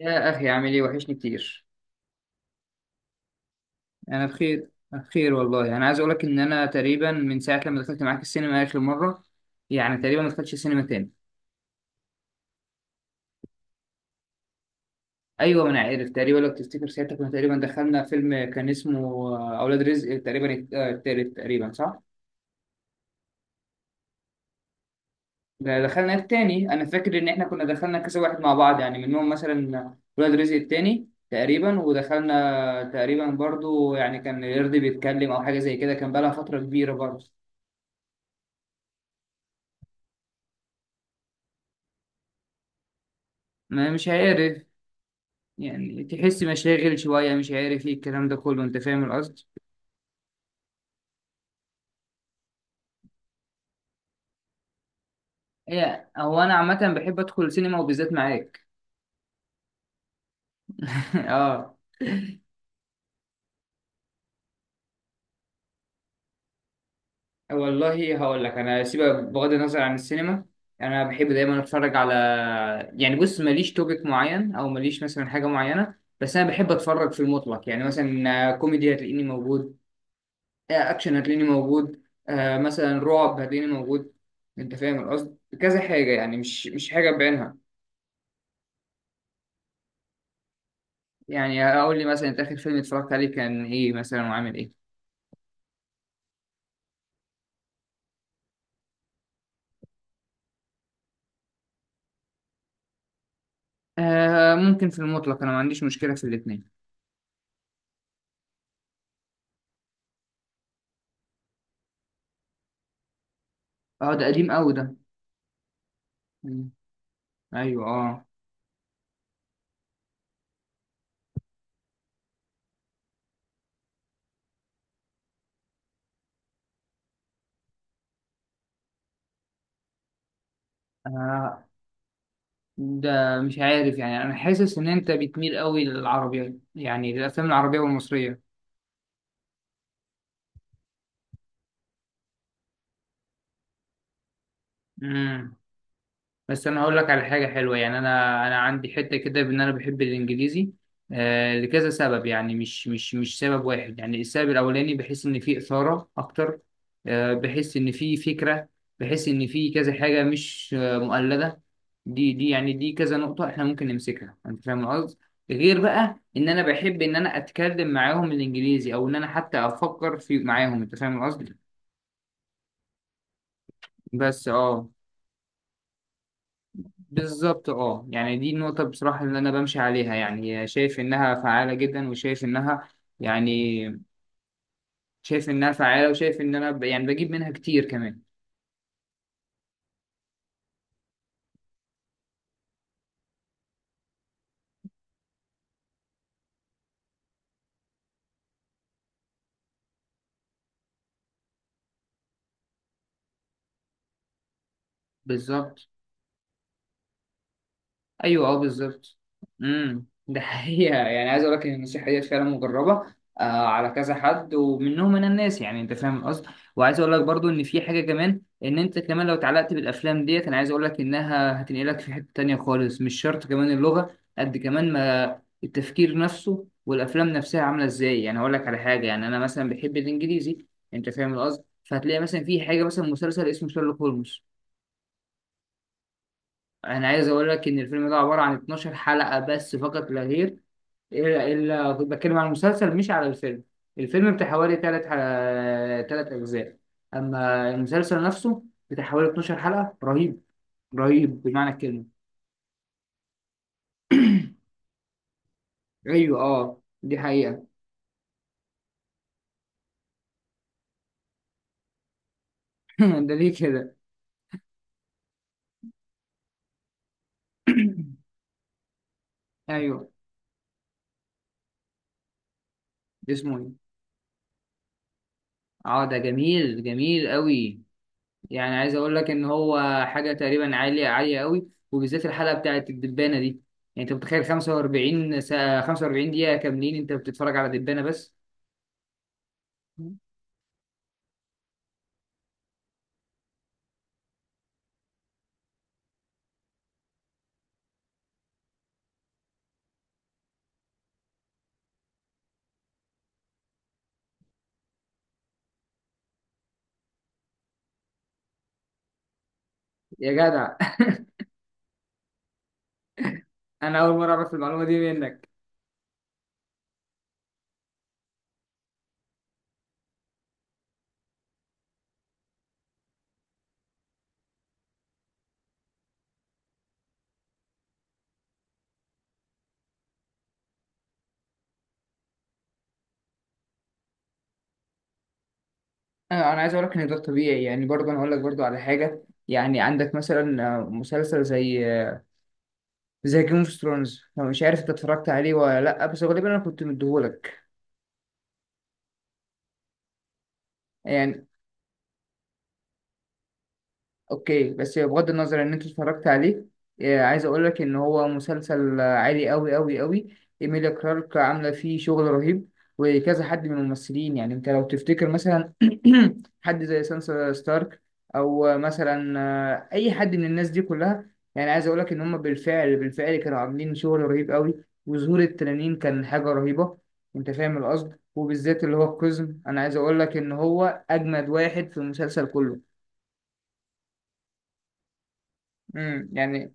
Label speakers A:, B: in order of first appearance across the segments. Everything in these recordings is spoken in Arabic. A: يا أخي، عامل إيه؟ وحشني كتير. أنا بخير، بخير والله. أنا عايز أقولك إن أنا تقريبا من ساعة لما دخلت معاك السينما آخر مرة، يعني تقريبا ما دخلتش السينما تاني. أيوه، ما أنا عارف. تقريبا لو تفتكر ساعتها كنا تقريبا دخلنا فيلم كان اسمه أولاد رزق، تقريبا التالت، تقريبا صح؟ ده دخلنا التاني. أنا فاكر إن إحنا كنا دخلنا كذا واحد مع بعض، يعني منهم مثلا أولاد رزق التاني تقريبا، ودخلنا تقريبا برضو يعني كان يرضي بيتكلم أو حاجة زي كده، كان بقالها فترة كبيرة برضو. ما مش عارف، يعني تحس مشاغل شوية، مش عارف ايه الكلام ده كله، انت فاهم القصد. هو انا عامة بحب ادخل سينما وبالذات معاك. اه. والله هقول لك انا، سيبك بغض النظر عن السينما، انا بحب دايما اتفرج على، يعني بص، ماليش توبيك معين او ماليش مثلا حاجة معينة. بس انا بحب اتفرج في المطلق. يعني مثلا كوميدي هتلاقيني موجود، اكشن هتلاقيني موجود، مثلا رعب هتلاقيني موجود. انت فاهم القصد، كذا حاجة، يعني مش حاجة بعينها. يعني اقول لي مثلا، انت اخر فيلم اتفرجت عليه كان ايه مثلا وعامل ايه؟ ممكن في المطلق، انا ما عنديش مشكله في الاثنين. اه، ده قديم قوي ده. مم. ايوه اه. آه، ده مش عارف، يعني انا حاسس ان انت بتميل قوي للعربي، يعني للافلام العربيه والمصريه. مم. بس انا هقول لك على حاجه حلوه. يعني انا عندي حته كده بان انا بحب الانجليزي، لكذا سبب، يعني مش سبب واحد. يعني السبب الاولاني، بحس ان في اثاره اكتر، بحس ان في فكره، بحس ان في كذا حاجه مش مؤلده. دي يعني دي كذا نقطه احنا ممكن نمسكها، انت فاهم القصد. غير بقى ان انا بحب ان انا اتكلم معاهم الانجليزي، او ان انا حتى افكر في معاهم، انت فاهم القصد. بس اه. بالظبط اه، يعني دي النقطة بصراحة اللي أنا بمشي عليها، يعني شايف إنها فعالة جدا، وشايف إنها، يعني شايف إنها فعالة، وشايف إن أنا يعني بجيب منها كتير كمان. بالظبط. ايوه اه، بالظبط. ده حقيقه. يعني عايز اقول لك ان النصيحه ديت فعلا مجربه على كذا حد، ومنهم انا الناس، يعني انت فاهم القصد. وعايز اقول لك برضو ان في حاجه كمان، ان انت كمان لو اتعلقت بالافلام ديت، انا عايز اقول لك انها هتنقلك في حته تانية خالص، مش شرط كمان اللغه قد كمان ما التفكير نفسه والافلام نفسها عامله ازاي. يعني هقول لك على حاجه، يعني انا مثلا بحب الانجليزي، انت فاهم القصد. فهتلاقي مثلا في حاجه، مثلا مسلسل اسمه شارلوك هولمز. انا عايز اقول لك ان الفيلم ده عباره عن 12 حلقه بس، فقط لا غير. الا كنت بتكلم عن المسلسل مش على الفيلم. الفيلم بتاع حوالي 3 اجزاء. اما المسلسل نفسه بتاع حوالي 12 حلقه. رهيب، رهيب بمعنى الكلمه. ايوه اه، دي حقيقه. ده ليه كده؟ ايوه. ده اسمه ايه؟ اه، ده جميل، جميل قوي. يعني عايز اقول لك ان هو حاجه تقريبا عاليه، عاليه قوي، وبالذات الحلقه بتاعت الدبانه دي. يعني انت متخيل 45 دقيقه كاملين انت بتتفرج على دبانه بس! يا جدع. انا اول مره اعرف المعلومه دي منك. أنا عايز اقول لك ان ده طبيعي. يعني برضه انا اقول لك برضه على حاجه. يعني عندك مثلا مسلسل زي زي جيم اوف ثرونز، لو مش عارف انت اتفرجت عليه ولا لا، بس غالبا انا كنت مديهولك. يعني اوكي، بس بغض النظر ان انت اتفرجت عليه، عايز اقول لك ان هو مسلسل عالي قوي قوي قوي. ايميليا كلارك عامله فيه شغل رهيب. وكذا حد من الممثلين، يعني انت لو تفتكر مثلا حد زي سانسا ستارك، او مثلا اي حد من الناس دي كلها. يعني عايز اقول لك ان هم بالفعل بالفعل كانوا عاملين شغل رهيب قوي، وظهور التنانين كان حاجه رهيبه. انت فاهم القصد، وبالذات اللي هو القزم. انا عايز اقول لك ان هو اجمد واحد في المسلسل كله. امم، يعني.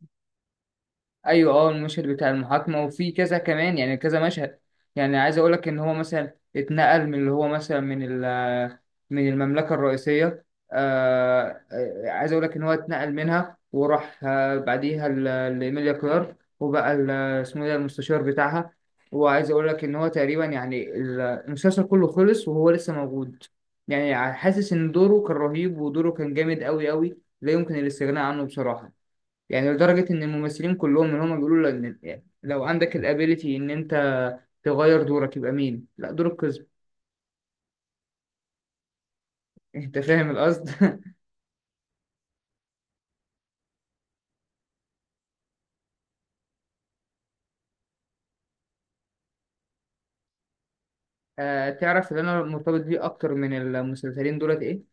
A: ايوه اه، المشهد بتاع المحاكمه وفي كذا كمان، يعني كذا مشهد. يعني عايز اقول لك ان هو مثلا اتنقل من اللي هو مثلا من المملكه الرئيسيه. عايز اقول لك ان هو اتنقل منها، وراح بعديها لايميليا كلارك. وبقى اسمه إيه ده، المستشار بتاعها. وعايز اقول لك ان هو تقريبا، يعني المسلسل كله خلص وهو لسه موجود. يعني حاسس ان دوره كان رهيب، ودوره كان جامد قوي قوي لا يمكن الاستغناء عنه بصراحه. يعني لدرجة إن الممثلين كلهم اللي هما بيقولوا لك إن، يعني لو عندك الابيليتي إن أنت تغير دورك، يبقى مين؟ لا، دور القزم. أنت فاهم القصد؟ تعرف اللي أنا مرتبط بيه أكتر من المسلسلين دولت إيه؟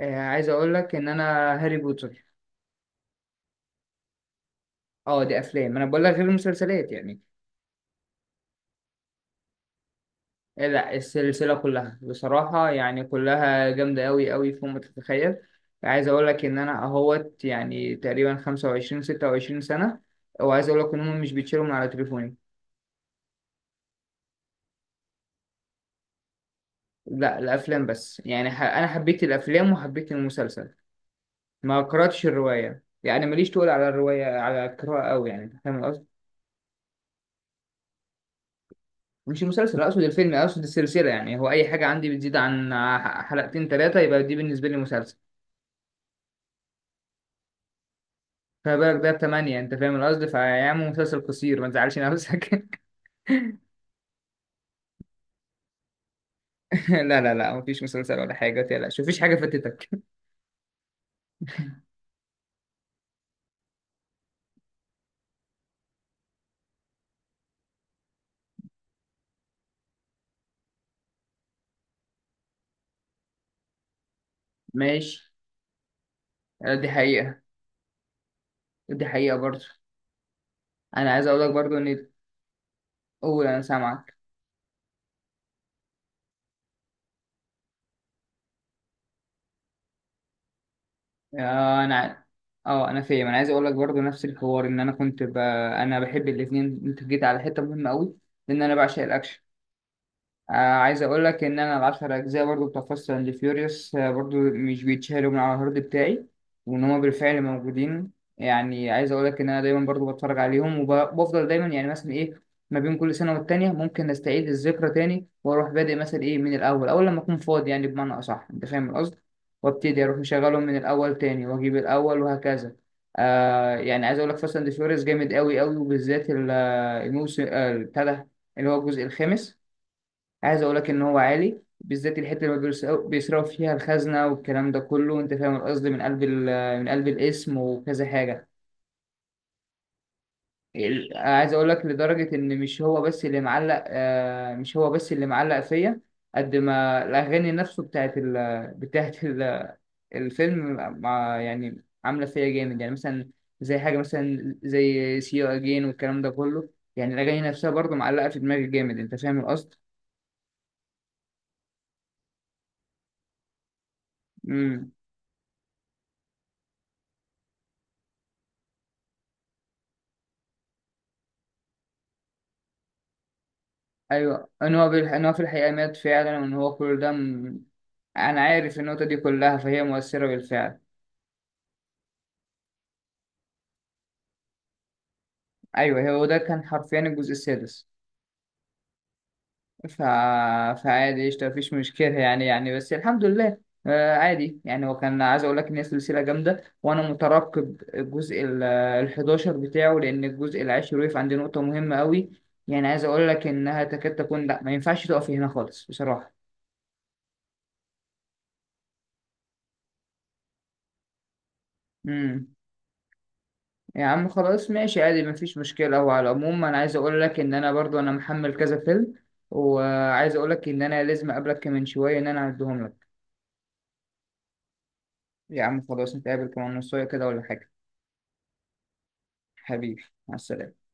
A: عايز أقول لك إن أنا هاري بوتر. دي أفلام، أنا بقول لك غير المسلسلات يعني. لا، السلسلة كلها بصراحة، يعني كلها جامدة أوي أوي فوق ما تتخيل. عايز أقول لك إن أنا أهوت يعني تقريبا 25، 26 سنة، وعايز أقول لك إن هم مش بيتشالوا من على تليفوني. لا، الافلام بس. يعني انا حبيت الافلام وحبيت المسلسل. ما قراتش الروايه، يعني ماليش تقول على الروايه، على القراءه قوي يعني، أنت فاهم القصد. مش المسلسل، اقصد الفيلم، اقصد السلسله. يعني هو اي حاجه عندي بتزيد عن حلقتين ثلاثه يبقى دي بالنسبه لي مسلسل. فما بالك ده بثمانية، انت فاهم القصد، فيعمل مسلسل قصير، ما تزعلش نفسك. لا لا لا، مفيش مسلسل ولا حاجة، متقلقش، مفيش حاجة فاتتك. ماشي. دي حقيقة. دي حقيقة برضه. انا عايز اقول لك برضه ان، قول انا سامعك. آه، انا اه انا فاهم. انا عايز اقول لك برضو نفس الحوار، ان انا بحب الاثنين. انت جيت على حته مهمه قوي، لان انا بعشق الاكشن. عايز اقول لك ان انا العشر اجزاء برضو بتوع فاست اند فيوريوس، برضو مش بيتشالوا من على الهارد بتاعي، وان هما بالفعل موجودين. يعني عايز اقول لك ان انا دايما برضو بتفرج عليهم، وبفضل دايما، يعني مثلا ايه، ما بين كل سنه والتانيه ممكن استعيد الذكرى تاني، واروح بادئ مثلا ايه من الاول، اول لما اكون فاضي، يعني بمعنى اصح انت فاهم القصد، وابتدي اروح مشغلهم من الاول تاني، واجيب الاول، وهكذا. يعني عايز اقول لك، فاست اند فيوريوس جامد قوي قوي، وبالذات الموسم بتاع ده، اللي هو الجزء الخامس. عايز اقول لك ان هو عالي، بالذات الحته اللي بيسرقوا فيها الخزنه، والكلام ده كله، انت فاهم القصد، من قلب الاسم وكذا حاجه. عايز اقول لك لدرجه ان مش هو بس اللي معلق آه، مش هو بس اللي معلق فيا، قد ما الاغاني نفسه بتاعت الفيلم، مع يعني عامله فيا جامد. يعني مثلا زي حاجه مثلا زي سي يو اجين والكلام ده كله. يعني الاغاني نفسها برضه معلقه في دماغي جامد، انت فاهم القصد؟ ايوه، ان هو في الحقيقه مات فعلا، وان هو كل ده انا عارف النقطه دي كلها، فهي مؤثره بالفعل. ايوه هو، ده كان حرفيا الجزء السادس. ف... فعادي، قشطه، مفيش مشكله، يعني بس الحمد لله. عادي يعني. هو كان عايز اقول لك ان هي سلسله جامده، وانا مترقب الجزء ال 11 بتاعه، لان الجزء العاشر وقف عند نقطه مهمه قوي. يعني عايز اقول لك انها تكاد تكون لا، ما ينفعش تقف هنا خالص بصراحه. امم يا عم خلاص، ماشي، عادي، مفيش مشكلة. هو على العموم أنا عايز أقول لك إن أنا برضو أنا محمل كذا فيلم، وعايز أقول لك إن أنا لازم أقابلك من شوية إن أنا أعدهم لك. يا عم خلاص، نتقابل كمان نص ساعة كده ولا حاجة؟ حبيبي، مع السلامة.